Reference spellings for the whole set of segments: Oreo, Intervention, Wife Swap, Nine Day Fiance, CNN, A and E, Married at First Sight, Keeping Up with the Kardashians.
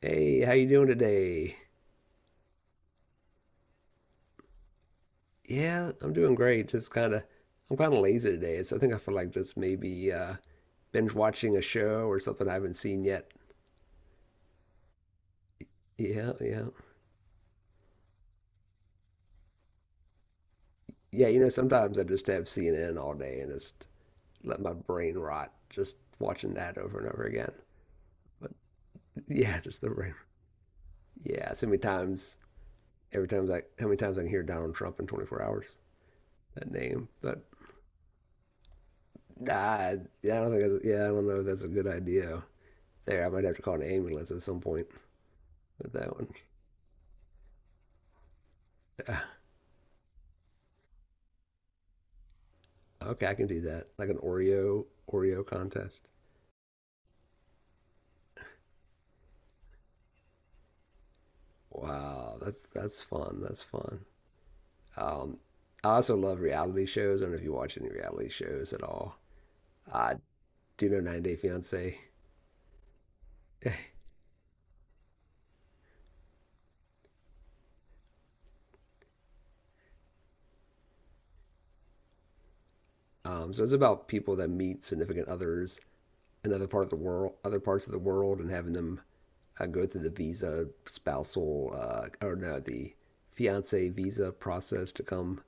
Hey, how you doing today? Yeah, I'm doing great. Just kind of, I'm kind of lazy today, so I think I feel like just maybe binge watching a show or something I haven't seen yet. Yeah, yeah, yeah. You know, sometimes I just have CNN all day and just let my brain rot, just watching that over and over again. But yeah, just the brain. Yeah, so many times, every time I, how many times I can hear Donald Trump in 24 hours? That name, but nah, I yeah, I don't think. That's, yeah, I don't know if that's a good idea. There, I might have to call an ambulance at some point with that one. Okay, I can do that. Like an Oreo contest. Wow, that's fun. That's fun. Um, I also love reality shows. I don't know if you watch any reality shows at all. I do know 9 Day Fiance. So it's about people that meet significant others in other part of the world, other parts of the world, and having them go through the visa spousal or no, the fiance visa process to come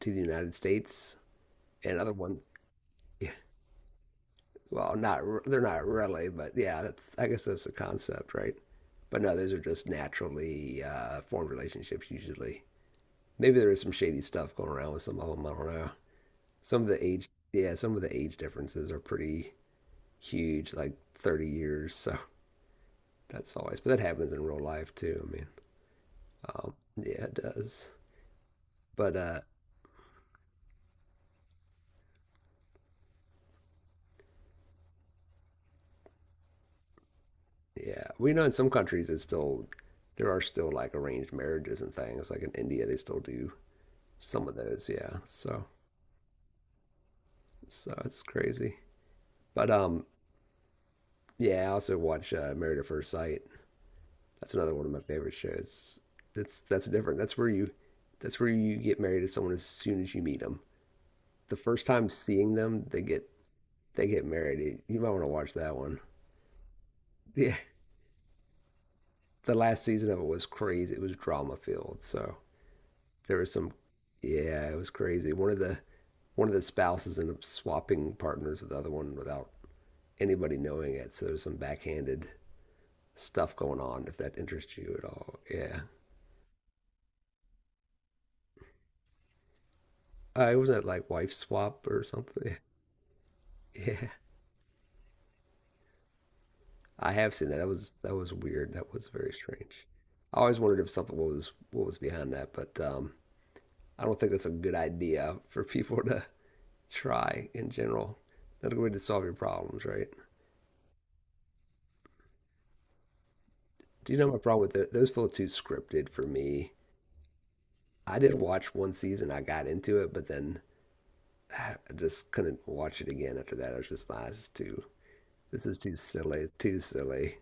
to the United States. And other one, yeah, well, not they're not really, but yeah, that's I guess that's the concept, right? But no, those are just naturally formed relationships usually. Maybe there is some shady stuff going around with some of them. I don't know. Some of the age, yeah, some of the age differences are pretty huge, like 30 years. So that's always, but that happens in real life too. I mean, yeah, it does. But yeah, we know in some countries it's still there are still like arranged marriages and things. Like in India, they still do some of those. Yeah, so. So it's crazy. But yeah, I also watch Married at First Sight. That's another one of my favorite shows. That's different. That's where you get married to someone as soon as you meet them. The first time seeing them, they get married. You might want to watch that one. Yeah, the last season of it was crazy. It was drama filled. So there was some yeah, it was crazy. One of the spouses ended up swapping partners with the other one without anybody knowing it. So there was some backhanded stuff going on if that interests you at all. Yeah. I wasn't it like wife swap or something. Yeah. I have seen that. That was weird. That was very strange. I always wondered if something was what was behind that, but I don't think that's a good idea for people to try in general. Not a good way to solve your problems, right? Do you know my problem with the, those feel too scripted for me? I did watch one season. I got into it, but then I just couldn't watch it again after that. I was just like, this is too silly, too silly.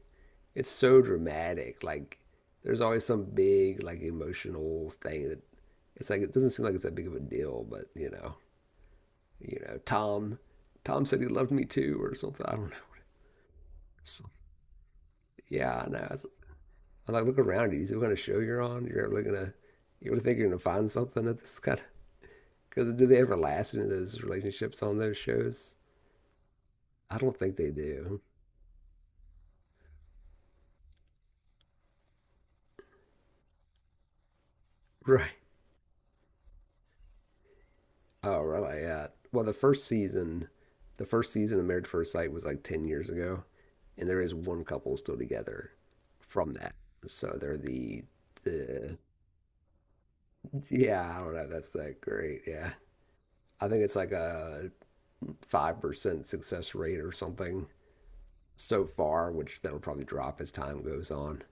It's so dramatic. Like there's always some big like emotional thing that it's like it doesn't seem like it's that big of a deal, but you know, Tom, Tom said he loved me too or something. I don't know. It's- yeah, I know. It's- I'm like look around you. Is it what kind of show you're on? You're really gonna you really think you're gonna find something at this kind of because do they ever last in those relationships on those shows? I don't think they do. Right. Oh, where am I at? Well, the first season of Marriage at First Sight was like 10 years ago, and there is one couple still together from that. So they're the yeah, I don't know. That's like great. Yeah. I think it's like a 5% success rate or something so far, which that'll probably drop as time goes on.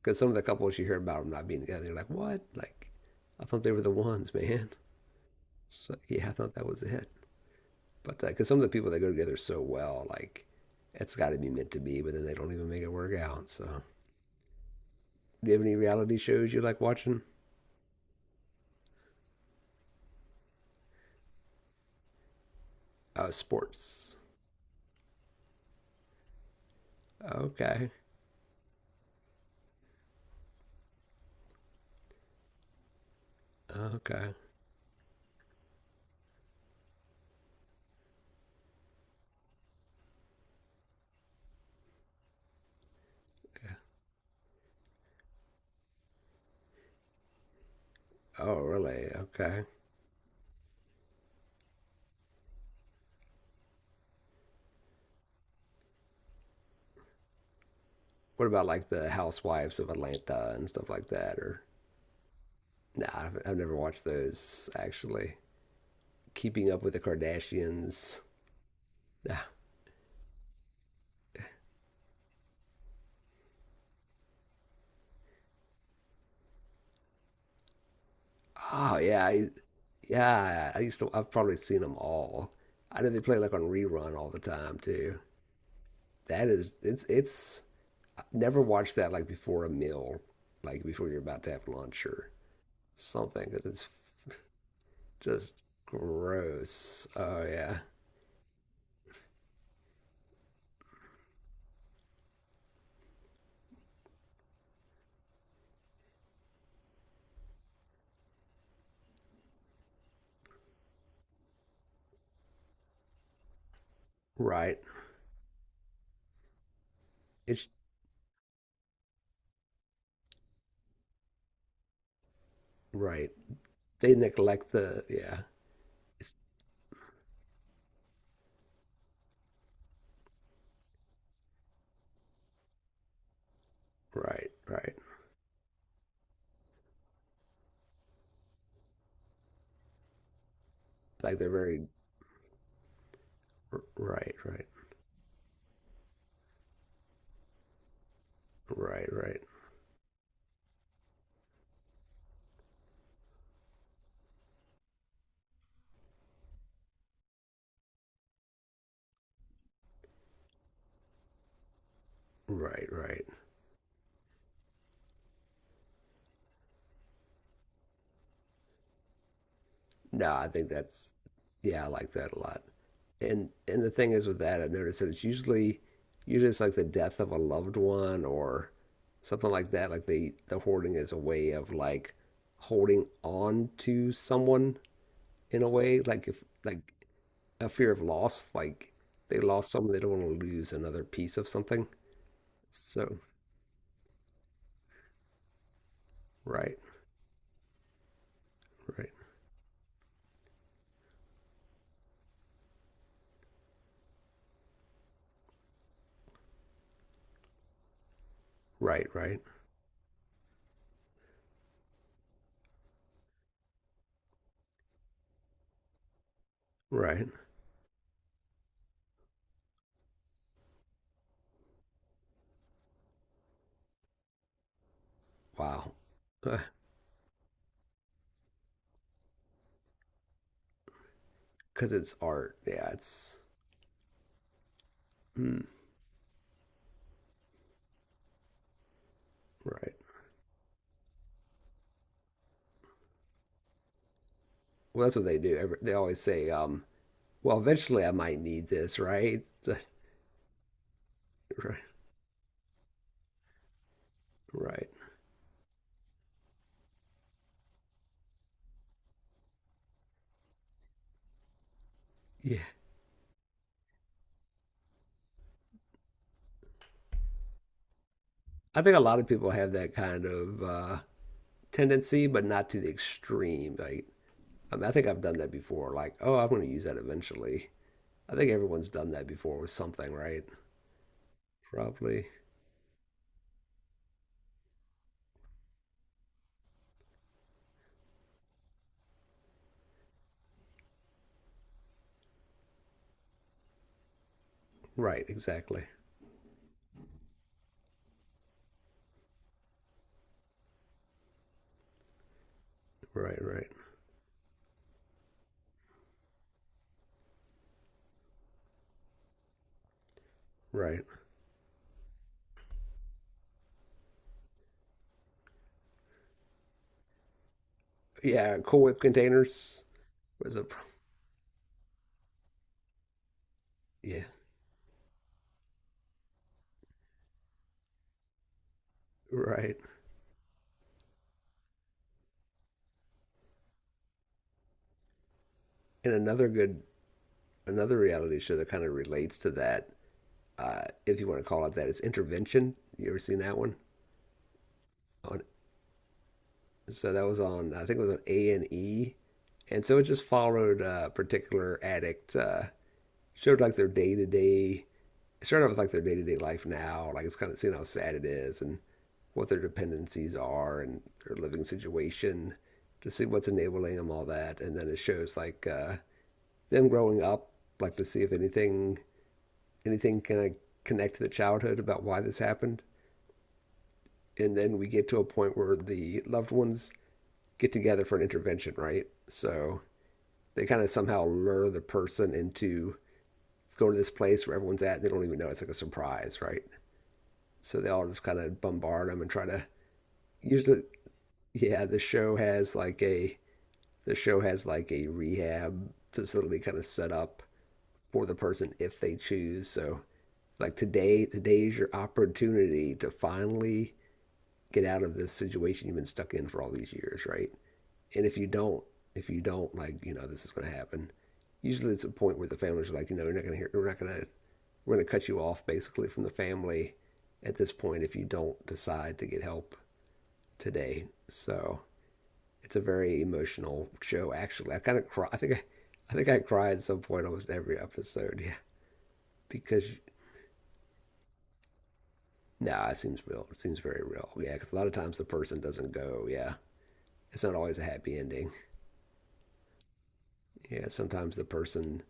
Because some of the couples you hear about them not being together, you're like, what? Like, I thought they were the ones, man. So, yeah, I thought that was it. But because some of the people they go together so well, like it's got to be meant to be, but then they don't even make it work out. So, do you have any reality shows you like watching? Oh, sports. Okay. Okay. Yeah. Oh, really? Okay. What about like the Housewives of Atlanta and stuff like that? Or nah, I've never watched those actually. Keeping Up with the Kardashians. Nah. Oh yeah. I used to. I've probably seen them all. I know they play like on rerun all the time too. That is it's I've never watched that like before a meal, like before you're about to have lunch or something because it's just gross. Oh yeah, right. It's right. They neglect the yeah. It's right, right. Like they're very right, right, right, right, right, right. No, I think that's yeah, I like that a lot. And the thing is with that, I've noticed that it's usually it's like the death of a loved one or something like that. Like the hoarding is a way of like holding on to someone in a way, like if like a fear of loss, like they lost someone, they don't want to lose another piece of something. So right, right, right, right, right. Wow, because it's art. Yeah, it's mm, right. Well, that's what they do. They always say, well, eventually I might need this, right? Right. Right. Yeah. I think a lot of people have that kind of tendency, but not to the extreme. Like, I mean, I think I've done that before. Like, oh, I'm going to use that eventually. I think everyone's done that before with something, right? Probably. Right. Exactly. Right. Right. Right. Yeah. Cool Whip containers was a. Yeah. Right. And another good, another reality show that kind of relates to that if you want to call it that. It's intervention. You ever seen that one? On so that was on I think it was on A and E, and so it just followed a particular addict. Showed like their day to day. It started off with like their day to day life now. Like it's kind of seeing how sad it is and what their dependencies are and their living situation to see what's enabling them all that and then it shows like them growing up like to see if anything can like, connect to the childhood about why this happened and then we get to a point where the loved ones get together for an intervention, right? So they kind of somehow lure the person into going to this place where everyone's at and they don't even know it's like a surprise, right? So they all just kind of bombard them and try to usually yeah, the show has like a the show has like a rehab facility kind of set up for the person if they choose. So like today's your opportunity to finally get out of this situation you've been stuck in for all these years, right? And if you don't, like, you know, this is going to happen. Usually it's a point where the families are like, you know, we're not going to hear, we're not going to, we're going to cut you off basically from the family at this point if you don't decide to get help today. So it's a very emotional show, actually. I kind of cry. I think I cry at some point almost every episode. Yeah. Because, no, nah, it seems real. It seems very real. Yeah. Because a lot of times the person doesn't go. Yeah. It's not always a happy ending. Yeah. Sometimes the person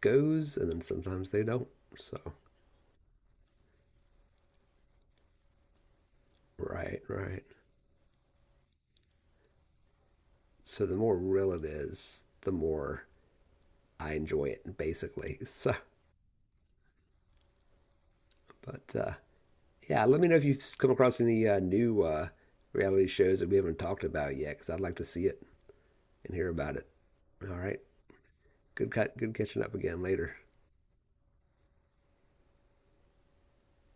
goes and then sometimes they don't. So right, right. So the more real it is, the more I enjoy it, basically. So, but yeah, let me know if you've come across any new reality shows that we haven't talked about yet, because I'd like to see it and hear about it. All right. Good cut. Good catching up again later.